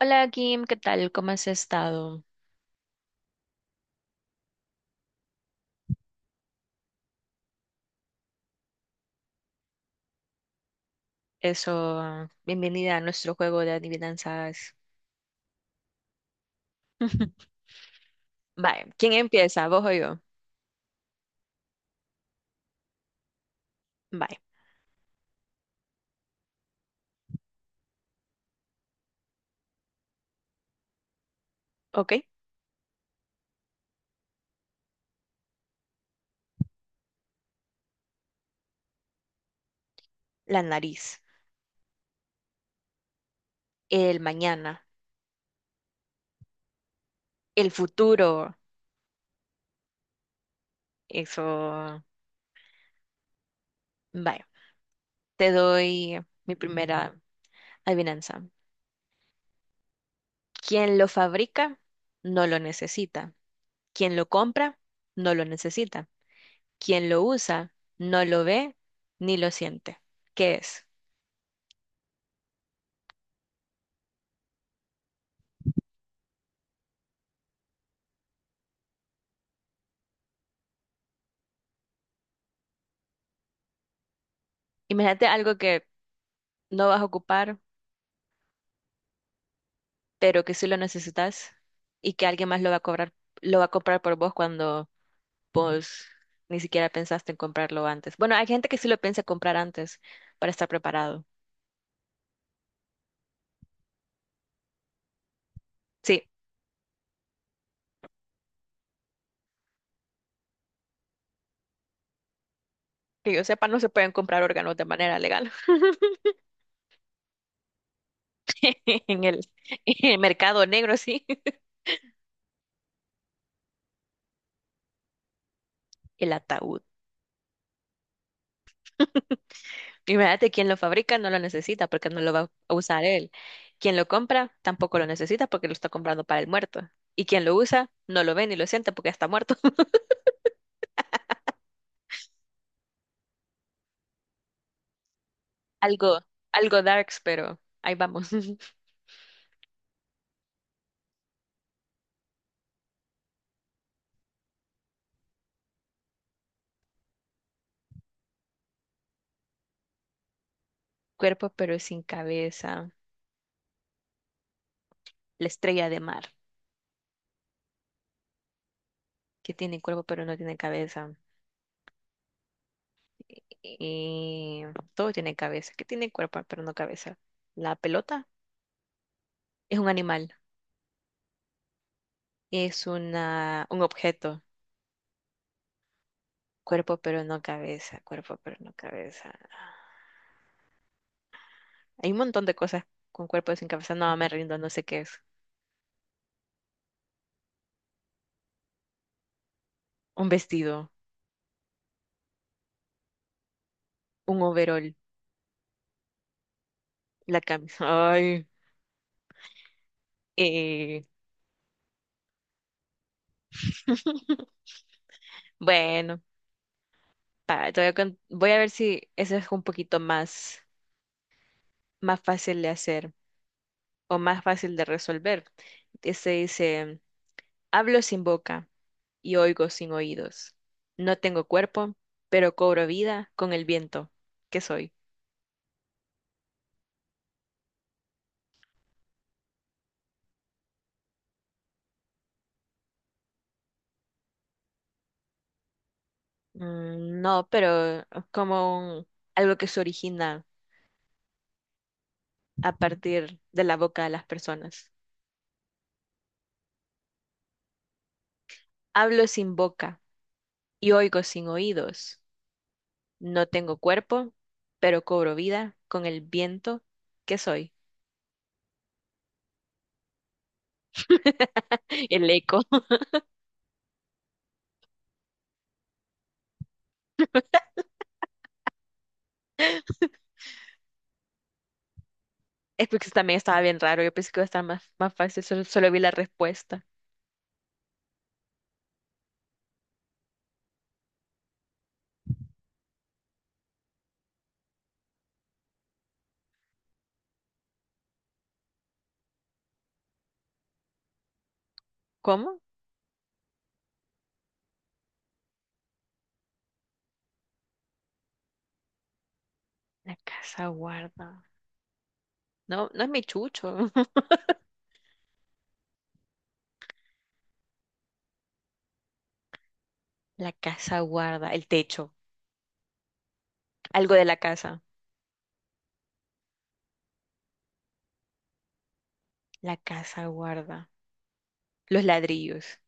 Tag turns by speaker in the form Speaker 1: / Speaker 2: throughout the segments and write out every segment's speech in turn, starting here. Speaker 1: Hola Kim, ¿qué tal? ¿Cómo has estado? Eso, bienvenida a nuestro juego de adivinanzas. Vale, ¿quién empieza? ¿Vos o yo? Vale, ok. La nariz, el mañana, el futuro. Eso, vale. Te doy mi primera adivinanza. Quien lo fabrica no lo necesita. Quien lo compra no lo necesita. Quien lo usa no lo ve ni lo siente. ¿Qué es? Imagínate algo que no vas a ocupar pero que sí lo necesitas y que alguien más lo va a cobrar, lo va a comprar por vos cuando vos ni siquiera pensaste en comprarlo antes. Bueno, hay gente que sí lo piensa comprar antes para estar preparado. Sí, que yo sepa, no se pueden comprar órganos de manera legal. En el, en el mercado negro, sí. El ataúd. Imagínate, quien lo fabrica no lo necesita porque no lo va a usar él. Quien lo compra tampoco lo necesita porque lo está comprando para el muerto. Y quien lo usa no lo ve ni lo siente porque está muerto. Algo, algo darks, pero ahí vamos. Cuerpo pero sin cabeza. La estrella de mar, que tiene cuerpo pero no tiene cabeza. Y todo tiene cabeza, que tiene cuerpo pero no cabeza. La pelota es un animal, es una, un objeto. Cuerpo pero no cabeza, cuerpo pero no cabeza. Hay un montón de cosas con cuerpo sin cabeza. No, me rindo, no sé qué es. Un vestido, un overol, la camisa. Ay. eh, Bueno. Para, te voy a, voy a ver si eso es un poquito más, más fácil de hacer o más fácil de resolver. Este dice, hablo sin boca y oigo sin oídos. No tengo cuerpo, pero cobro vida con el viento. ¿Qué soy? Mm, no, pero es como algo que se origina a partir de la boca de las personas. Hablo sin boca y oigo sin oídos. No tengo cuerpo, pero cobro vida con el viento. ¿Qué soy? El eco. Es porque eso también estaba bien raro. Yo pensé que iba a estar más, más fácil. Solo vi la respuesta. ¿Cómo? La casa guarda. No, no es mi chucho. La casa guarda. El techo. Algo de la casa. La casa guarda. Los ladrillos.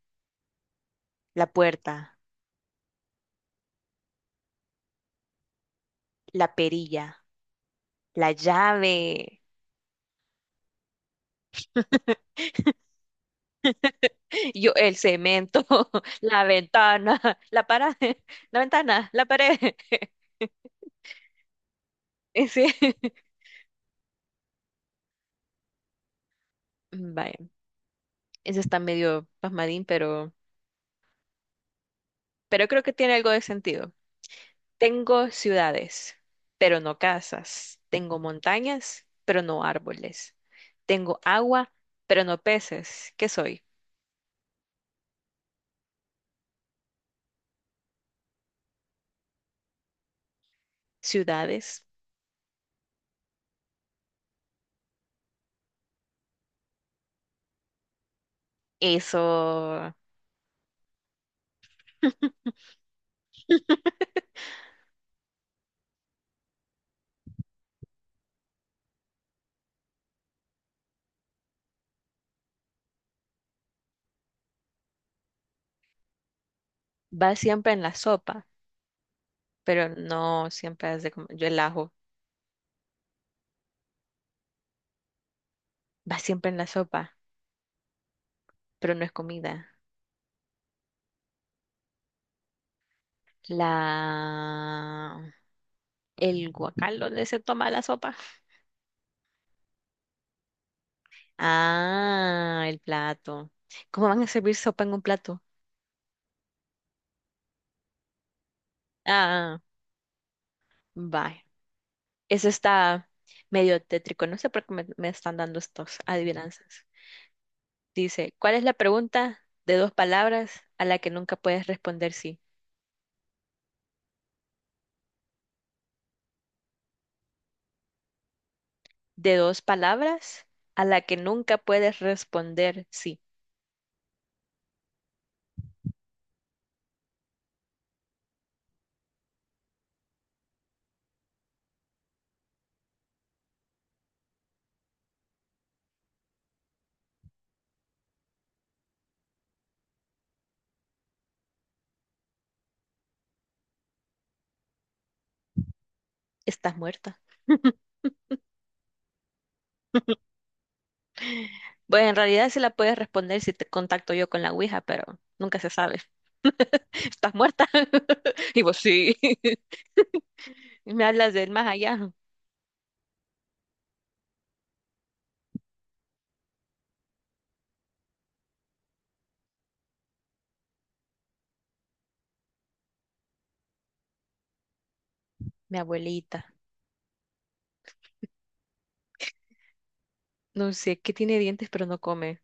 Speaker 1: La puerta. La perilla. La llave. Yo, el cemento. La ventana. La pared. La ventana. La pared. Ese. Vaya. Ese está medio pasmadín, pero. Pero creo que tiene algo de sentido. Tengo ciudades, pero no casas. Tengo montañas, pero no árboles. Tengo agua, pero no peces. ¿Qué soy? Ciudades. Eso va siempre en la sopa, pero no siempre es de yo el ajo va siempre en la sopa, pero no es comida. La... El guacal donde se toma la sopa. Ah, el plato. ¿Cómo van a servir sopa en un plato? Ah. Bye. Eso está medio tétrico. No sé por qué me están dando estos adivinanzas. Dice, ¿cuál es la pregunta de dos palabras a la que nunca puedes responder sí? De dos palabras a la que nunca puedes responder sí. Estás muerta. Pues en realidad sí la puedes responder si te contacto yo con la Ouija, pero nunca se sabe. ¿Estás muerta? Y vos sí. Me hablas del más allá. Mi abuelita. No sé, que tiene dientes pero no come.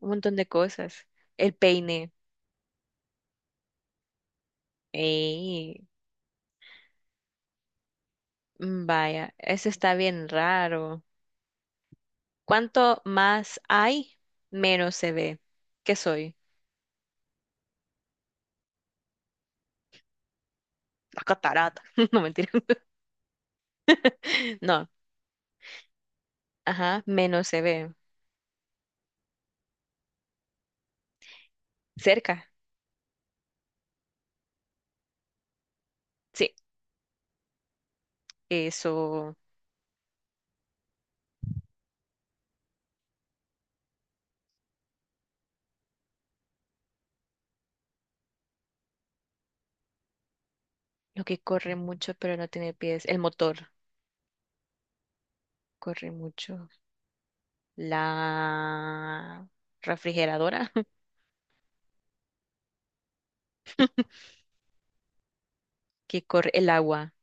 Speaker 1: Un montón de cosas. El peine. Ey, mm, vaya, eso está bien raro. Cuanto más hay, menos se ve. ¿Qué soy? La catarata. No, mentira. No, ajá, menos se ve. Cerca. Sí, eso. Lo que corre mucho pero no tiene pies. El motor corre mucho. La refrigeradora que corre el agua.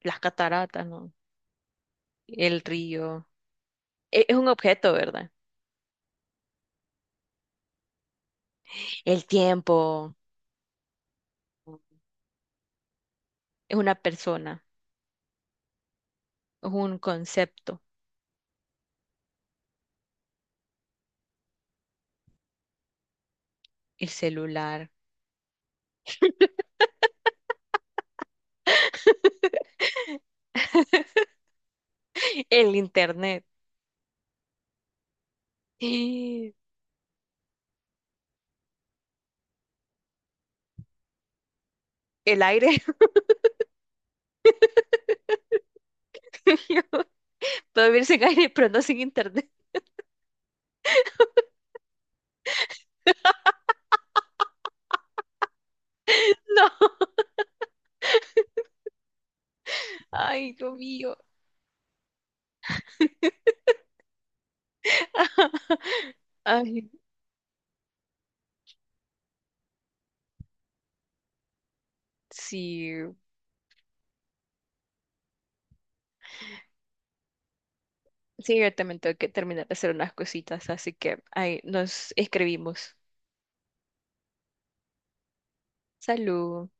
Speaker 1: Las cataratas, ¿no? El río. ¿Es un objeto, verdad? El tiempo. Es una persona, es un concepto. El celular, el internet, el aire. Yo puedo vivir sin aire, pero no sin internet. No. Ay, Dios mío. Ay, sí. Sí, yo también tengo que terminar de hacer unas cositas, así que ahí nos escribimos. Salud.